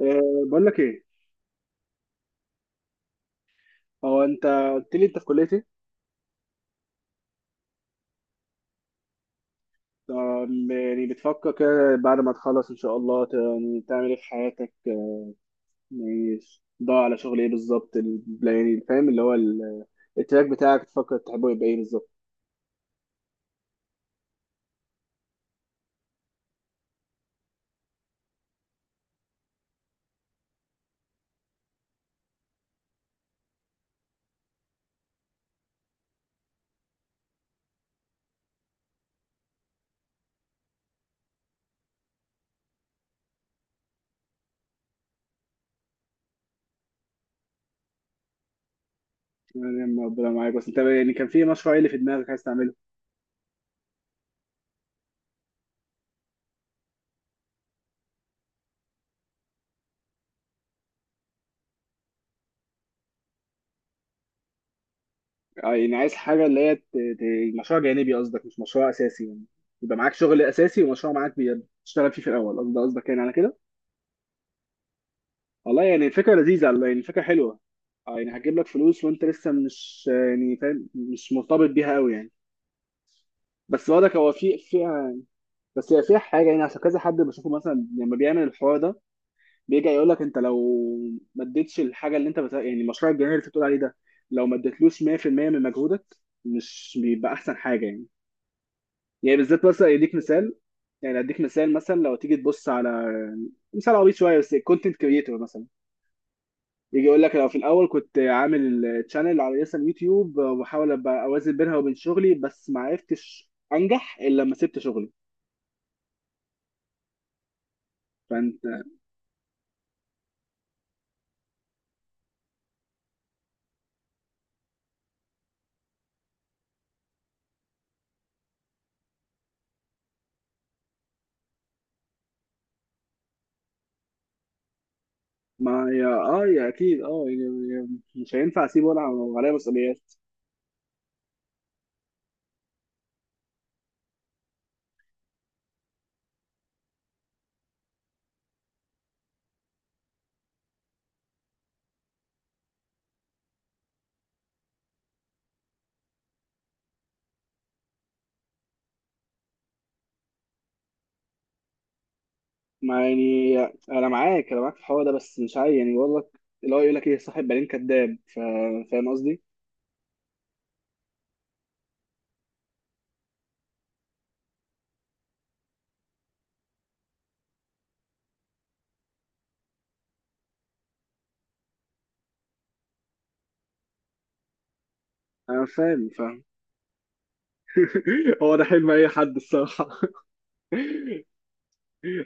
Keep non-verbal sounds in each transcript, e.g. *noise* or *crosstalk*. أه، بقول لك ايه. هو انت قلت لي انت في كليه ايه؟ يعني بتفكر كده بعد ما تخلص ان شاء الله يعني تعمل ايه في حياتك يعني ضاع على شغل ايه بالظبط، يعني فاهم اللي هو التراك بتاعك تفكر تحبه يبقى ايه بالظبط؟ يعني ربنا معاك، بس انت يعني كان في مشروع ايه اللي في دماغك عايز تعمله؟ يعني عايز حاجه اللي هي مشروع جانبي قصدك، مش مشروع اساسي يعني. يبقى معاك شغل اساسي ومشروع معاك بتشتغل فيه في الاول قصدك يعني على كده. والله يعني فكرة لذيذة، يعني فكرة حلوة. اه يعني هتجيب لك فلوس وانت لسه مش يعني فاهم، مش مرتبط بيها قوي يعني. بس برضك هو في فيها. بس هي فيها حاجة يعني، عشان كذا حد بشوفه مثلا لما بيعمل الحوار ده بيرجع يقول لك انت لو ما اديتش الحاجة اللي انت يعني مشروع الجنيه اللي انت بتقول عليه ده، لو ما اديتلوش 100% من مجهودك، مش بيبقى احسن حاجة يعني؟ يعني بالذات مثلا يديك مثال، يعني اديك مثال مثلا لو تيجي تبص على مثال عبيط شوية، بس كونتنت كريتور مثلا يجي يقول لك لو في الاول كنت عامل تشانل على لسه اليوتيوب وبحاول ابقى اوازن بينها وبين شغلي، بس ما عرفتش انجح الا لما سبت شغلي. فانت ما يا اه يا اكيد اه، يعني مش هينفع اسيبه وانا وعليا مسؤوليات. ما يعني انا معاك في الحوار ده، بس مش عايز يعني بقول لك اللي هو يقول لك ايه، صاحب بالين كداب، فاهم قصدي؟ انا فاهم. *laughs* هو ده حلم اي حد الصراحه.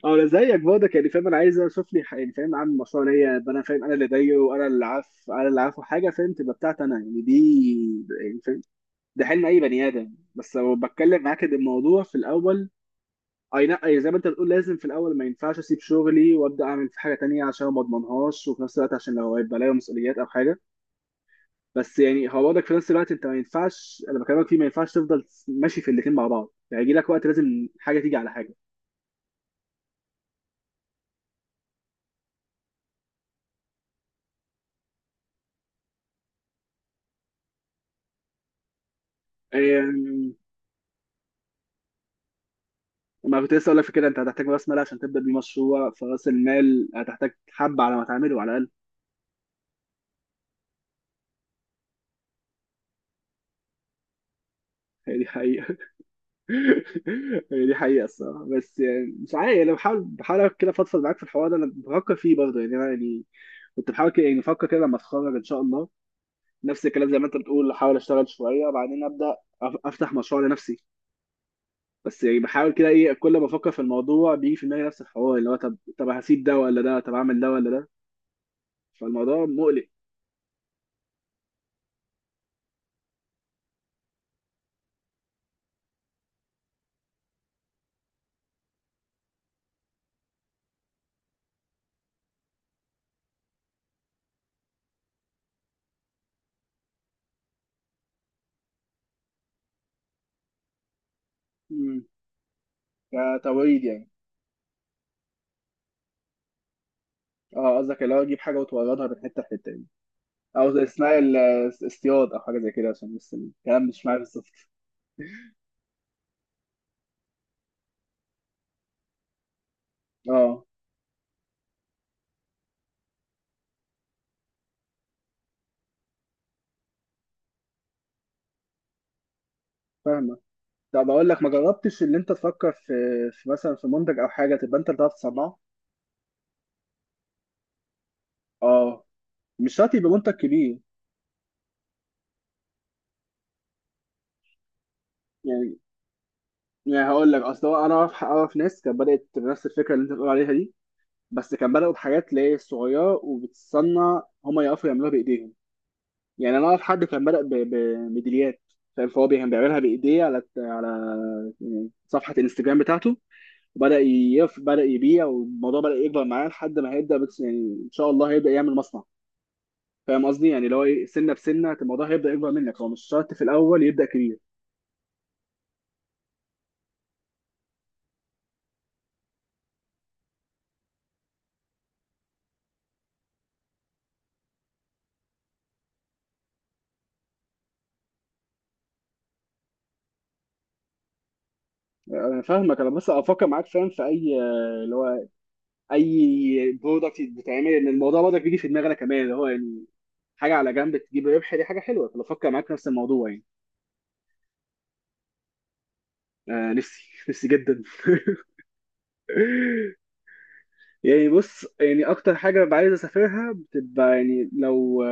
اه انا زيك برضك يعني فاهم، انا عايز اشوف لي يعني فاهم، عامل مشروع ليا، يبقى انا فاهم انا اللي دايره، وانا اللي عارف، انا اللي عارفه حاجه فاهم، تبقى بتاعتي انا يعني دي، يعني فاهم. ده حلم اي بني ادم. بس لو بتكلم معاك ان الموضوع في الاول، اي لا أي زي ما انت بتقول، لازم في الاول ما ينفعش اسيب شغلي وابدا اعمل في حاجه تانية عشان ما اضمنهاش، وفي نفس الوقت عشان لو هيبقى عليا مسؤوليات او حاجه. بس يعني هو برضك في نفس الوقت، انت ما ينفعش، انا بكلمك فيه، ما ينفعش تفضل ماشي في الاثنين مع بعض يعني، يجي لك وقت لازم حاجه تيجي على حاجه. ما كنت لسه اقول لك في كده، انت هتحتاج راس مال عشان تبدا بيه مشروع، فراس المال هتحتاج حبه على ما تعمله على الاقل. *laughs* هي دي حقيقه. *laughs* هي دي حقيقه الصراحه. بس يعني مش عارف، انا بحاول كده فضفض معاك في الحوار ده، انا بفكر فيه برضه يعني، انا يعني كنت بحاول كده، يعني بفكر كده لما اتخرج ان شاء الله نفس الكلام زي ما انت بتقول، احاول اشتغل شويه وبعدين ابدا افتح مشروع لنفسي. بس يعني بحاول كده ايه، كل ما افكر في الموضوع بيجي في دماغي نفس الحوار، اللي هو طب هسيب ده ولا ده، طب اعمل ده ولا ده. فالموضوع مقلق. مم. كتوريد يعني. اه قصدك اللي هو اجيب حاجه وتوردها من حته لحته يعني، او زي اسمها الاصطياد او حاجه زي كده، عشان بس الكلام مش معايا بالظبط. اه فاهمك. طب اقول لك، ما جربتش اللي انت تفكر في، في مثلا في منتج او حاجه تبقى انت اللي بتعرف تصنعه؟ اه مش شرط يبقى منتج كبير. يعني يعني هقول لك، اصل هو انا اعرف ناس كانت بدات بنفس الفكره اللي انت بتقول عليها دي، بس كان بداوا بحاجات اللي هي صغيره، وبتصنع هما يعرفوا يعملوها بايديهم. يعني انا اعرف حد كان بدأ بميداليات، فاهم؟ فهو كان بيعملها بايديه على يعني صفحه الانستجرام بتاعته. وبدأ يف بدأ يبيع، والموضوع بدأ يكبر معاه، لحد ما هيبدأ بس يعني، ان شاء الله هيبدأ يعمل مصنع. فاهم قصدي، يعني اللي هو ايه، سنه بسنه الموضوع هيبدأ يكبر منك، هو مش شرط في الاول يبدأ كبير. انا فاهمك، انا بس افكر معاك فاهم في اي، اللي هو اي برودكت بتعمل، ان الموضوع برضك بيجي في دماغنا كمان اللي هو يعني حاجه على جنب تجيب ربح، دي حاجه حلوه، فبفكر معاك في نفس الموضوع يعني. آه، نفسي نفسي جدا. *laughs* يعني بص، يعني اكتر حاجه ببقى عايز اسافرها بتبقى يعني لو،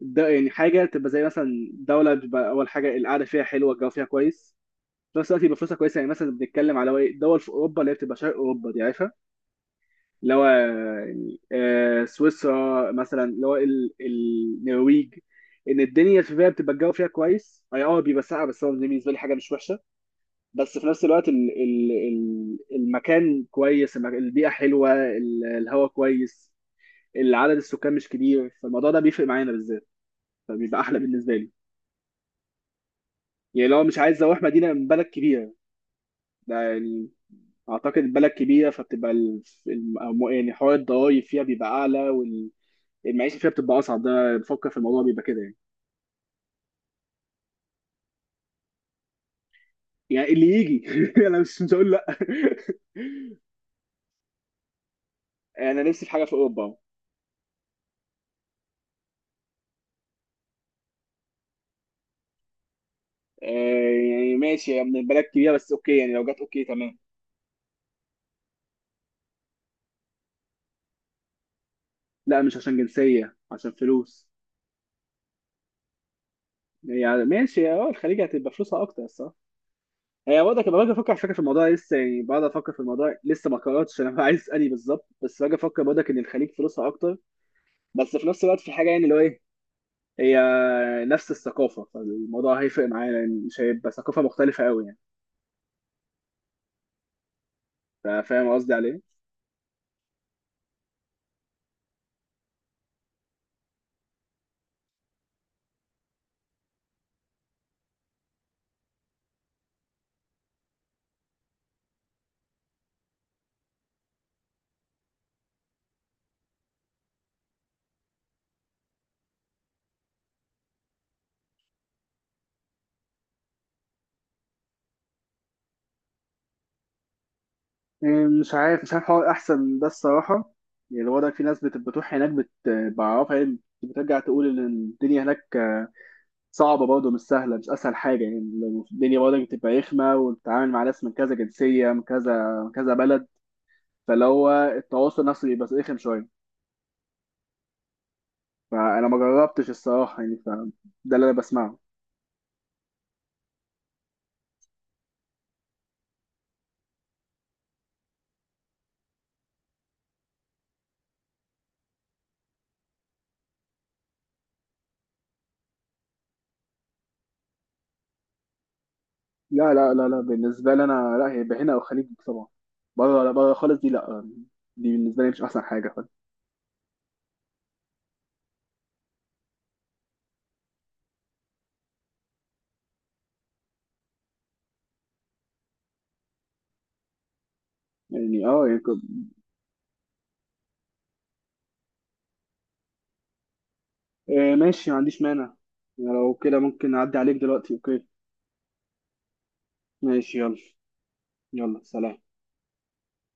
ده يعني حاجه تبقى زي مثلا دوله بتبقى اول حاجه القعده فيها حلوه، الجو فيها كويس، في نفس الوقت يبقى فلوسها كويسه، يعني مثلا بنتكلم على إيه؟ دول في اوروبا، اللي هي بتبقى شرق اوروبا دي، عارفها. اللي هو يعني سويسرا مثلا، اللي هو النرويج. ان الدنيا فيها بتبقى الجو فيها كويس، اي بيبقى ساقع، بس هو بالنسبه لي حاجه مش وحشه. بس في نفس الوقت ال المكان كويس، البيئة حلوة، الهواء كويس، العدد السكان مش كبير، فالموضوع ده بيفرق معانا بالذات، فبيبقى أحلى بالنسبة لي. يعني لو مش عايز أروح مدينة من بلد كبيرة، ده يعني أعتقد بلد كبيرة فبتبقى يعني حوار الضرايب فيها بيبقى أعلى، والمعيشة فيها بتبقى أصعب. ده بفكر في الموضوع بيبقى كده يعني. يعني اللي يجي *laughs* أنا مش هقول لأ. *laughs* أنا نفسي في حاجة في أوروبا. آه، يعني ماشي، هي من بلد كبيرة بس أوكي، يعني لو جت أوكي تمام. لا مش عشان جنسية، عشان فلوس. يعني ماشي الخليج هتبقى فلوسها اكتر صح. هي برضه كنت باجي افكر على فكره في الموضوع لسه، يعني بقعد افكر في الموضوع لسه ما قررتش انا *laughs* عايز اني بالظبط، بس باجي افكر برضه ان الخليج فلوسها اكتر. بس في نفس الوقت في حاجه، يعني اللي هو ايه، هي نفس الثقافه، فالموضوع هيفرق معايا لان مش هيبقى ثقافه مختلفه قوي يعني. فاهم قصدي على ايه؟ مش عارف حوار احسن ده الصراحه. يعني الوضع في ناس بتروح هناك بعرفها، يعني بترجع تقول ان الدنيا هناك صعبه برضه، مش سهله، مش اسهل حاجه يعني. الدنيا برضه بتبقى رخمه، وبتتعامل مع ناس من كذا جنسيه، من كذا من كذا بلد. فاللي هو التواصل نفسه بيبقى رخم شويه. فانا ما جربتش الصراحه يعني، فده اللي انا بسمعه. لا لا لا لا، بالنسبه لي انا لا، هي هنا او خليج طبعا. بره لا، بره خالص دي لا، دي بالنسبه لي مش احسن حاجه يعني يعني ماشي ما عنديش مانع، يعني لو كده ممكن اعدي عليك دلوقتي اوكي. ماشي يلا. يلا سلام.